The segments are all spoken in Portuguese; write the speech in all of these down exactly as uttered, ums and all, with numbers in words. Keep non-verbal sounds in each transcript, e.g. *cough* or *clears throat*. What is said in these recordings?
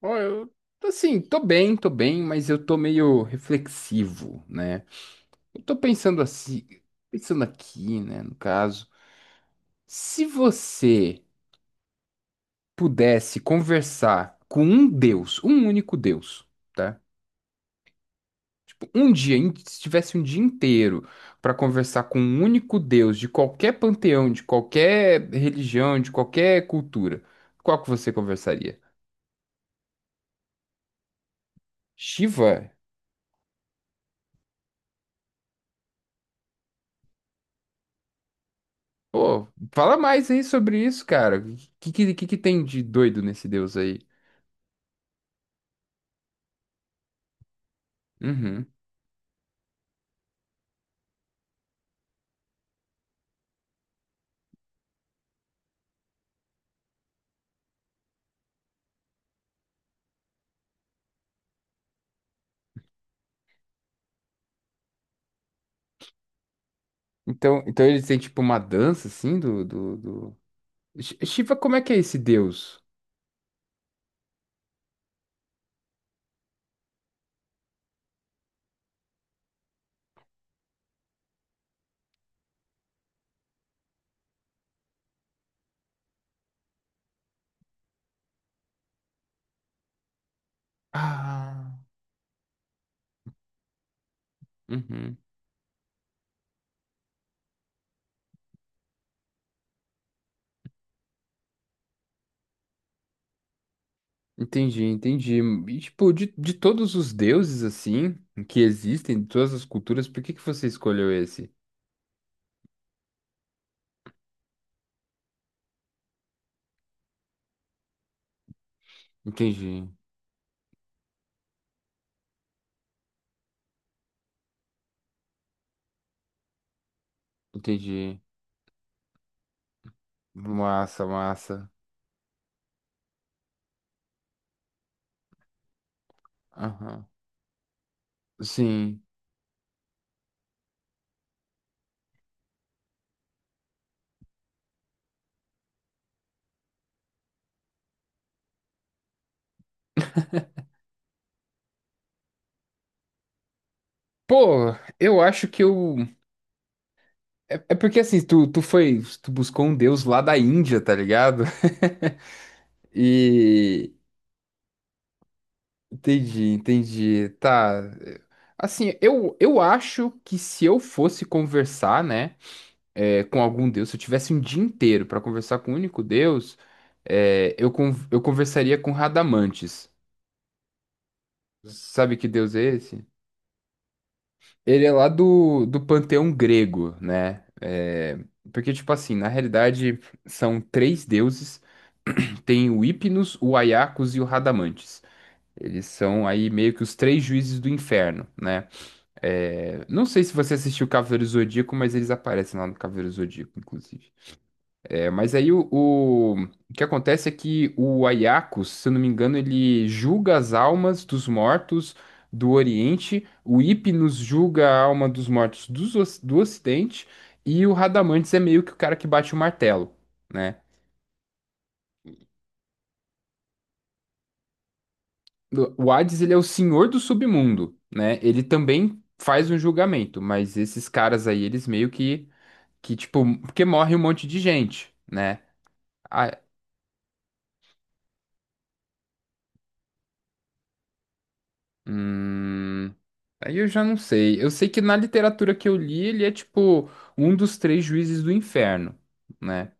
Ó, eu, assim, tô bem, tô bem, mas eu tô meio reflexivo, né? Eu tô pensando assim, pensando aqui, né, no caso, se você pudesse conversar com um Deus, um único Deus, tá? Tipo, um dia, in- se tivesse um dia inteiro pra conversar com um único Deus de qualquer panteão, de qualquer religião, de qualquer cultura, qual que você conversaria? Shiva? Pô, fala mais aí sobre isso, cara. O que, que, que que tem de doido nesse deus aí? Uhum. Então, então ele tem tipo uma dança assim do, do, do... Sh- Shiva, como é que é esse deus? Ah, uhum. Entendi, entendi. E, tipo, de, de todos os deuses assim que existem, de todas as culturas, por que que você escolheu esse? Entendi, entendi. Massa, massa. Aham. Sim. Pô, eu acho que eu. É, é porque assim, tu, tu foi, tu buscou um deus lá da Índia, tá ligado? *laughs* E entendi, entendi. Tá. Assim, eu, eu acho que se eu fosse conversar, né, é, com algum Deus, se eu tivesse um dia inteiro pra conversar com um único Deus, é, eu, con- eu conversaria com Radamantes. Sabe que Deus é esse? Ele é lá do, do panteão grego, né? É, porque, tipo assim, na realidade, são três deuses. Tem o Hypnos, o Aiacos e o Radamantes. Eles são aí meio que os três juízes do inferno, né? É, não sei se você assistiu Cavaleiro Zodíaco, mas eles aparecem lá no Cavaleiro Zodíaco, inclusive. É, mas aí o... o- o que acontece é que o Aiacos, se eu não me engano, ele julga as almas dos mortos do Oriente, o Hypnos julga a alma dos mortos dos oc- do Ocidente, e o Radamantes é meio que o cara que bate o martelo, né? O Hades, ele é o senhor do submundo, né? Ele também faz um julgamento, mas esses caras aí, eles meio que, que tipo, porque morre um monte de gente, né? Ah, hum, aí eu já não sei. Eu sei que na literatura que eu li, ele é tipo um dos três juízes do inferno, né?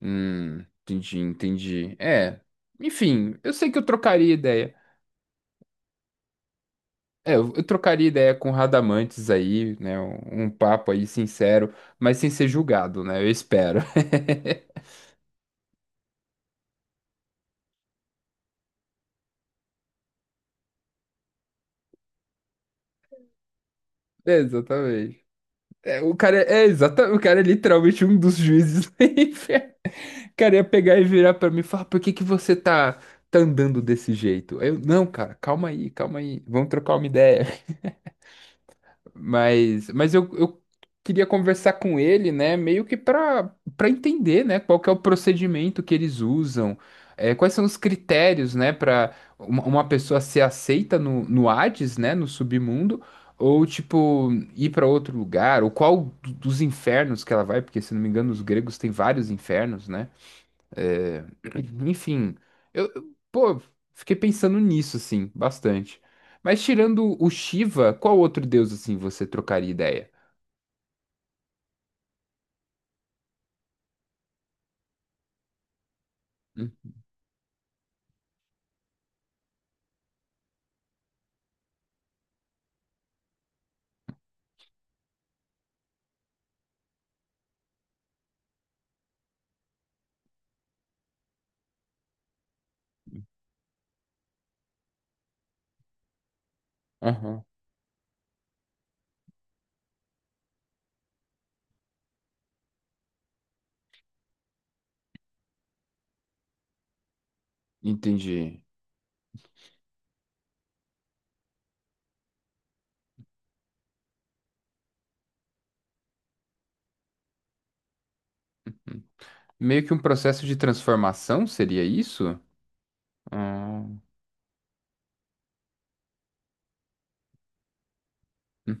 Hum, entendi, entendi. É, enfim, eu sei que eu trocaria ideia. É, eu eu trocaria ideia com o Radamantes aí, né? Um, um papo aí sincero, mas sem ser julgado, né? Eu espero. *laughs* É, exatamente. É, o cara é, exatamente, o cara é literalmente um dos juízes do *laughs* inferno. O cara ia pegar e virar pra mim e falar, por que que você tá, tá andando desse jeito? Aí eu, não, cara, calma aí, calma aí, vamos trocar uma ideia. Mas, mas eu, eu queria conversar com ele, né? Meio que para para entender, né? Qual que é o procedimento que eles usam, é, quais são os critérios, né? Para uma, uma pessoa ser aceita no, no Hades, né? No submundo, ou tipo ir para outro lugar, ou qual do- dos infernos que ela vai, porque se não me engano os gregos têm vários infernos, né? É, *clears throat* enfim, eu, eu- pô, fiquei pensando nisso, assim, bastante. Mas tirando o Shiva, qual outro deus, assim, você trocaria ideia? Hum, Aham. Entendi. Hum. Meio que um processo de transformação, seria isso? Ah, hum,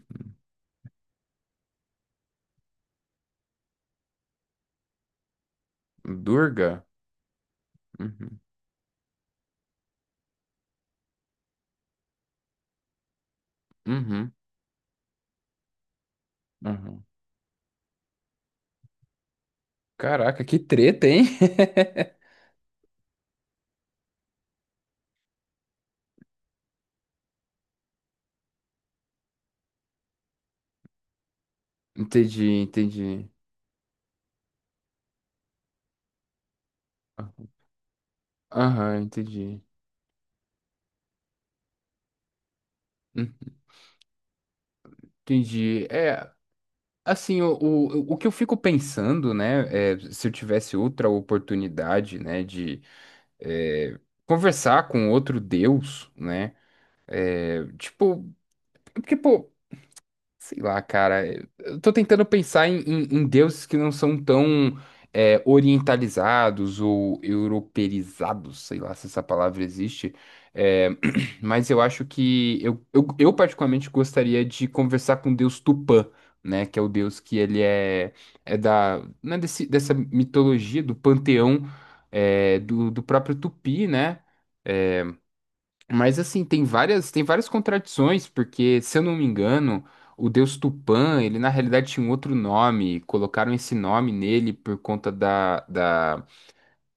Durga? Uhum, uhum, uhum. Caraca, que treta, hein? *laughs* Entendi, entendi. Aham, entendi. Hum, Entendi. É, assim, o, o, o que eu fico pensando, né, é, se eu tivesse outra oportunidade, né, de é, conversar com outro Deus, né, é, tipo, porque, pô, sei lá, cara. Eu tô tentando pensar em, em- em deuses que não são tão é, orientalizados ou europeizados, sei lá se essa palavra existe. É, *clears throat* mas eu acho que eu, eu, eu particularmente gostaria de conversar com o deus Tupã, né? Que é o deus que ele é, é da, né, desse, dessa mitologia, do panteão é, do, do próprio Tupi, né? Mas assim, tem várias, tem várias contradições, porque, se eu não me engano, o deus Tupã, ele na realidade tinha um outro nome, colocaram esse nome nele por conta da, da,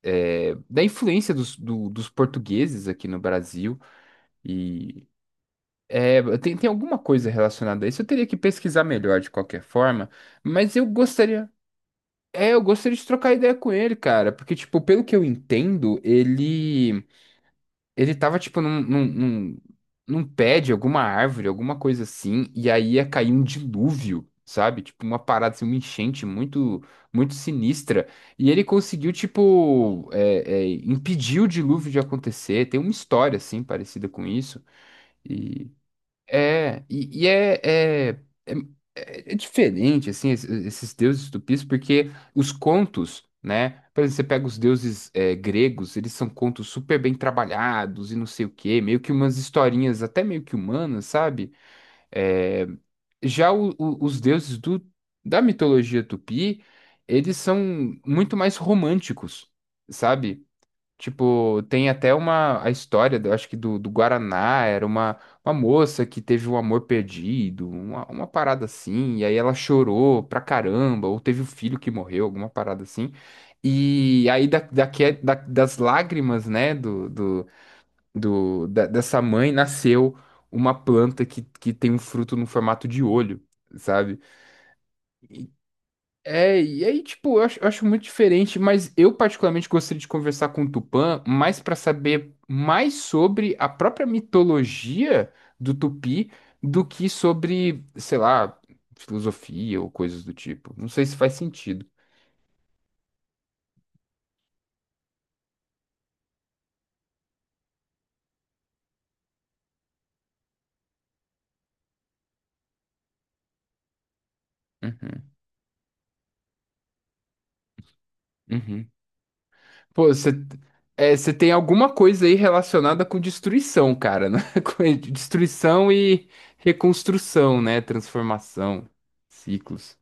é, da influência dos, do- dos portugueses aqui no Brasil, e é, tem, tem alguma coisa relacionada a isso, eu teria que pesquisar melhor de qualquer forma, mas eu gostaria, é, eu gostaria de trocar ideia com ele, cara, porque, tipo, pelo que eu entendo, ele... Ele tava, tipo, num, num, num, num pé de alguma árvore, alguma coisa assim, e aí ia cair um dilúvio, sabe? Tipo, uma parada, assim, uma enchente muito, muito sinistra. E ele conseguiu, tipo, é, é, impedir o dilúvio de acontecer. Tem uma história, assim, parecida com isso. É, e, e é, é, é, é- é diferente, assim, es- esses deuses tupis, porque os contos, né? Por exemplo, você pega os deuses é, gregos, eles são contos super bem trabalhados e não sei o quê, meio que umas historinhas até meio que humanas, sabe? É, já o- o- os deuses do, da mitologia tupi, eles são muito mais românticos, sabe? Tipo, tem até uma a história, eu acho que do, do Guaraná, era uma, uma moça que teve um amor perdido, uma, uma parada assim, e aí ela chorou pra caramba, ou teve um filho que morreu, alguma parada assim. E aí da, daque- da- das lágrimas, né, do, do, do- da- dessa mãe nasceu uma planta que, que tem um fruto no formato de olho, sabe? É, e aí, tipo, eu acho, eu acho muito diferente, mas eu particularmente gostaria de conversar com o Tupã mais para saber mais sobre a própria mitologia do Tupi do que sobre, sei lá, filosofia ou coisas do tipo. Não sei se faz sentido. Uhum, uhum. Pô, você é, você tem alguma coisa aí relacionada com destruição, cara, né? *laughs* Com destruição e reconstrução, né? Transformação, ciclos.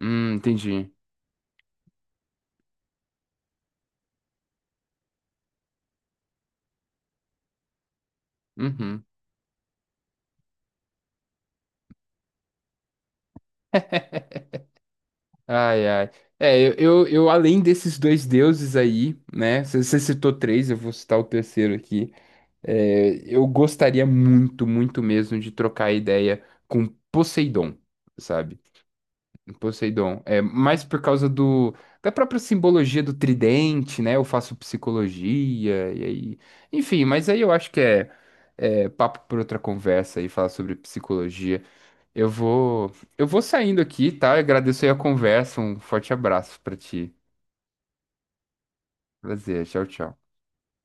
Hum, entendi. Uhum. Ai, ai. É, eu, eu, eu, além desses dois deuses aí, né? Você você citou três, eu vou citar o terceiro aqui. É, eu gostaria muito, muito mesmo de trocar ideia com Poseidon, sabe? Poseidon. É, mais por causa do, da própria simbologia do tridente, né? Eu faço psicologia, e aí. Enfim, mas aí eu acho que é, é papo por outra conversa e falar sobre psicologia. Eu vou, eu vou saindo aqui, tá? Eu agradeço aí a conversa. Um forte abraço pra ti. Prazer. Tchau, tchau.